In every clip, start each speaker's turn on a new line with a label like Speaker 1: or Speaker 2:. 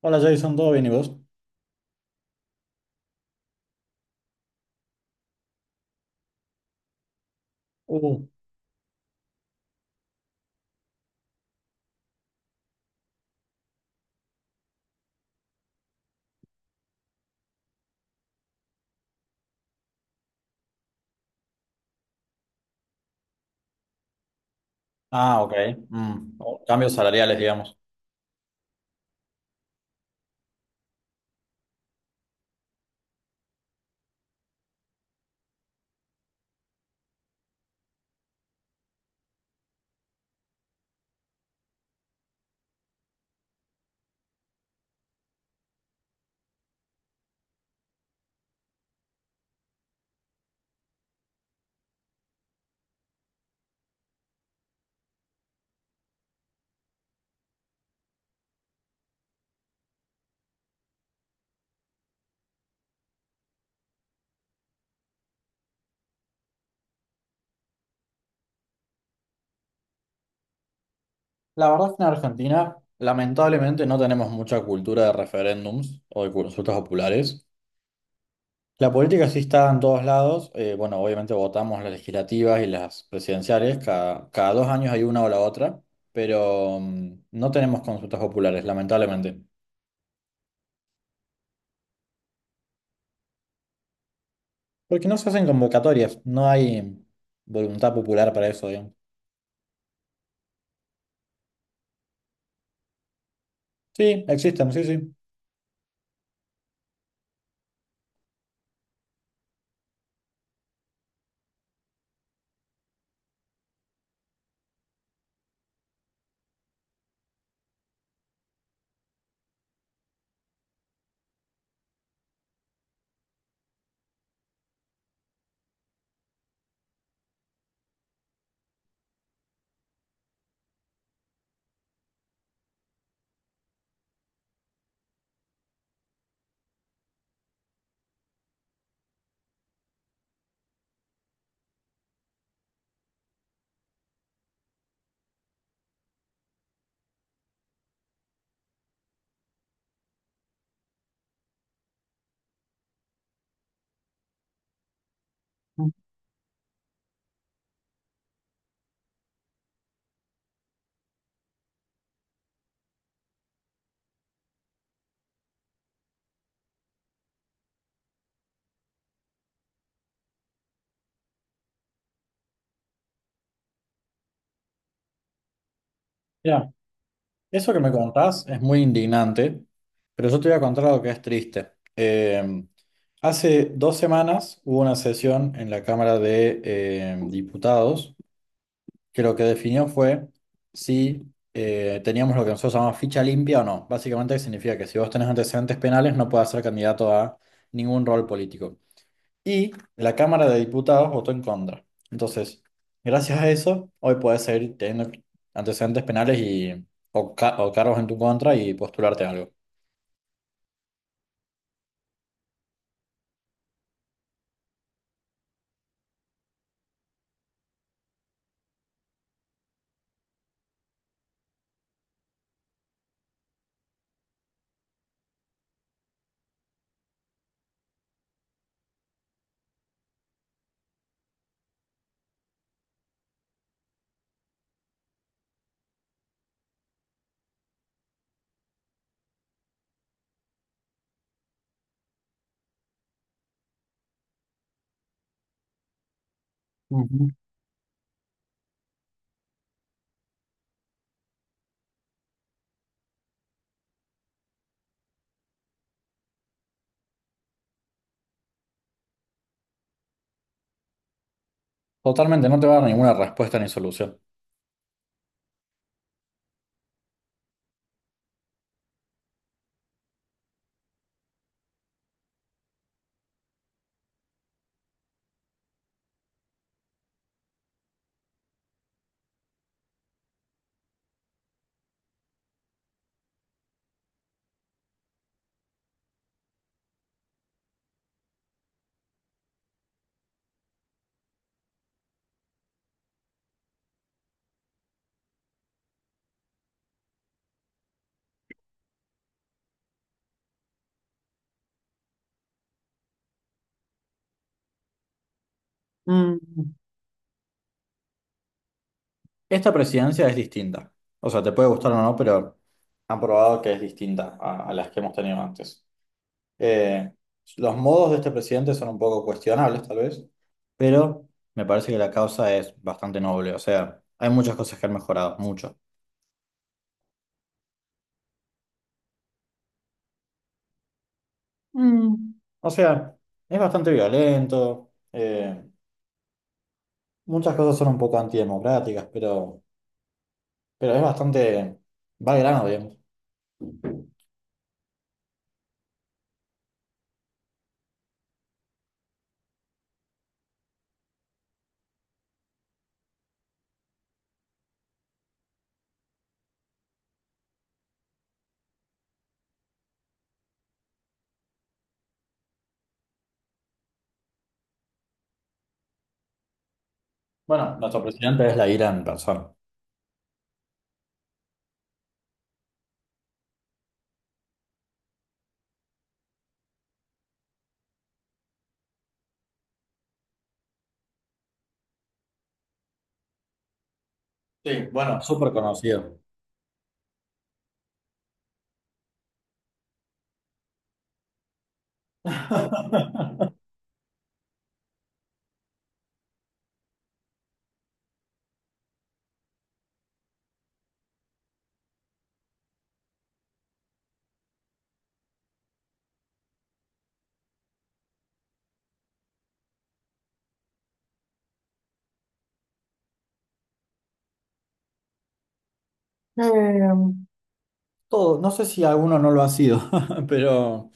Speaker 1: Hola Jason, ¿todo bien y vos? Uh, Ah, ok. Cambios salariales, digamos. La verdad es que en Argentina, lamentablemente, no tenemos mucha cultura de referéndums o de consultas populares. La política sí está en todos lados. Bueno, obviamente votamos las legislativas y las presidenciales. Cada 2 años hay una o la otra, pero no tenemos consultas populares, lamentablemente. Porque no se hacen convocatorias, no hay voluntad popular para eso, digamos. Sí, existen, sí, sí. Eso que me contás es muy indignante, pero yo te voy a contar algo que es triste. Hace 2 semanas hubo una sesión en la Cámara de Diputados que lo que definió fue si teníamos lo que nosotros llamamos ficha limpia o no. Básicamente significa que si vos tenés antecedentes penales no puedes ser candidato a ningún rol político. Y la Cámara de Diputados votó en contra. Entonces, gracias a eso, hoy puedes seguir teniendo antecedentes penales y, o cargos en tu contra y postularte a algo. Ujú. Totalmente, no te va a dar ninguna respuesta ni solución. Mm, Esta presidencia es distinta. O sea, te puede gustar o no, pero han probado que es distinta a las que hemos tenido antes. Eh, los modos de este presidente son un poco cuestionables, tal vez, pero me parece que la causa es bastante noble. O sea, hay muchas cosas que han mejorado, mucho. O sea, es bastante violento, muchas cosas son un poco antidemocráticas, pero es bastante, va al grano, digamos. Bueno, nuestro presidente es la ira en persona. Sí, bueno, súper conocido. Todo, no sé si alguno no lo ha sido, pero...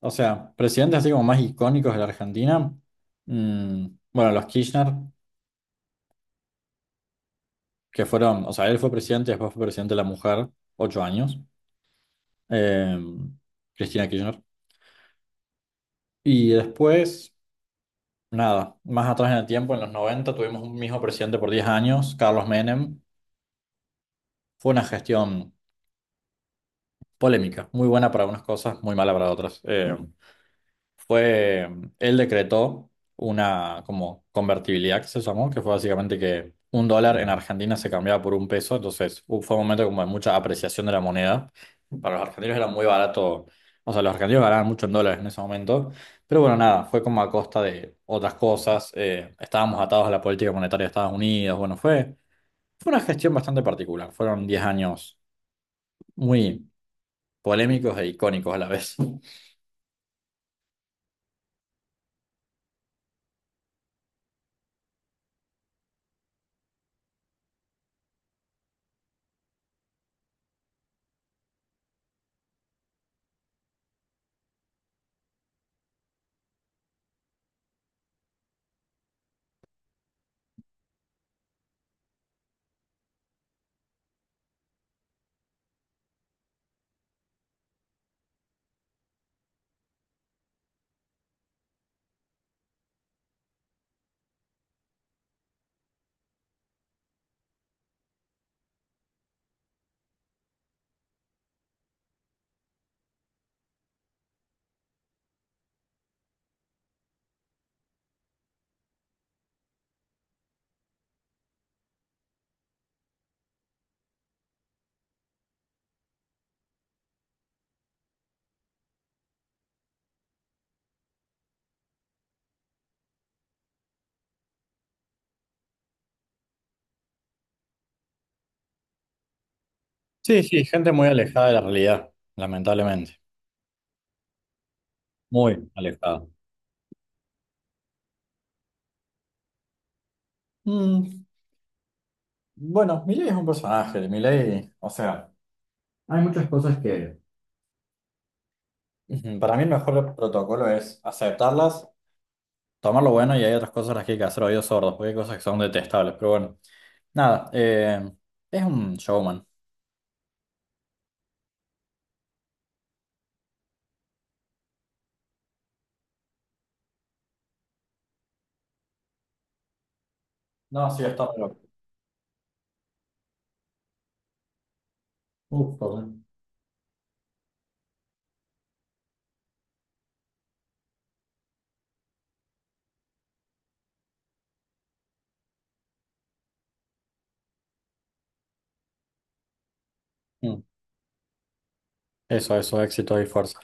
Speaker 1: O sea, presidentes así como más icónicos de la Argentina. mm, bueno, los Kirchner, que fueron, o sea, él fue presidente, después fue presidente de la mujer, 8 años, eh, Cristina Kirchner. Y después, nada, más atrás en el tiempo, en los 90 tuvimos un mismo presidente por 10 años, Carlos Menem. Fue una gestión polémica, muy buena para unas cosas, muy mala para otras. Fue, Él decretó una como convertibilidad que se llamó, que fue básicamente que un dólar en Argentina se cambiaba por un peso, entonces fue un momento como de mucha apreciación de la moneda. Para los argentinos era muy barato, o sea, los argentinos ganaban mucho en dólares en ese momento, pero bueno, nada, fue como a costa de otras cosas, estábamos atados a la política monetaria de Estados Unidos, fue una gestión bastante particular, fueron 10 años muy polémicos e icónicos a la vez. Sí, sí, gente muy alejada de la realidad, lamentablemente. Muy alejado. Mm, bueno, Milei es un personaje. Milei, o sea, hay muchas cosas que ujú, para mí el mejor protocolo es aceptarlas, tomar lo bueno y hay otras cosas las que hay que hacer oídos sordos, porque hay cosas que son detestables. Pero bueno, nada, es un showman. No, sí, está, pero... Uf, perdón. Mm, Eso, eso, éxito y fuerza.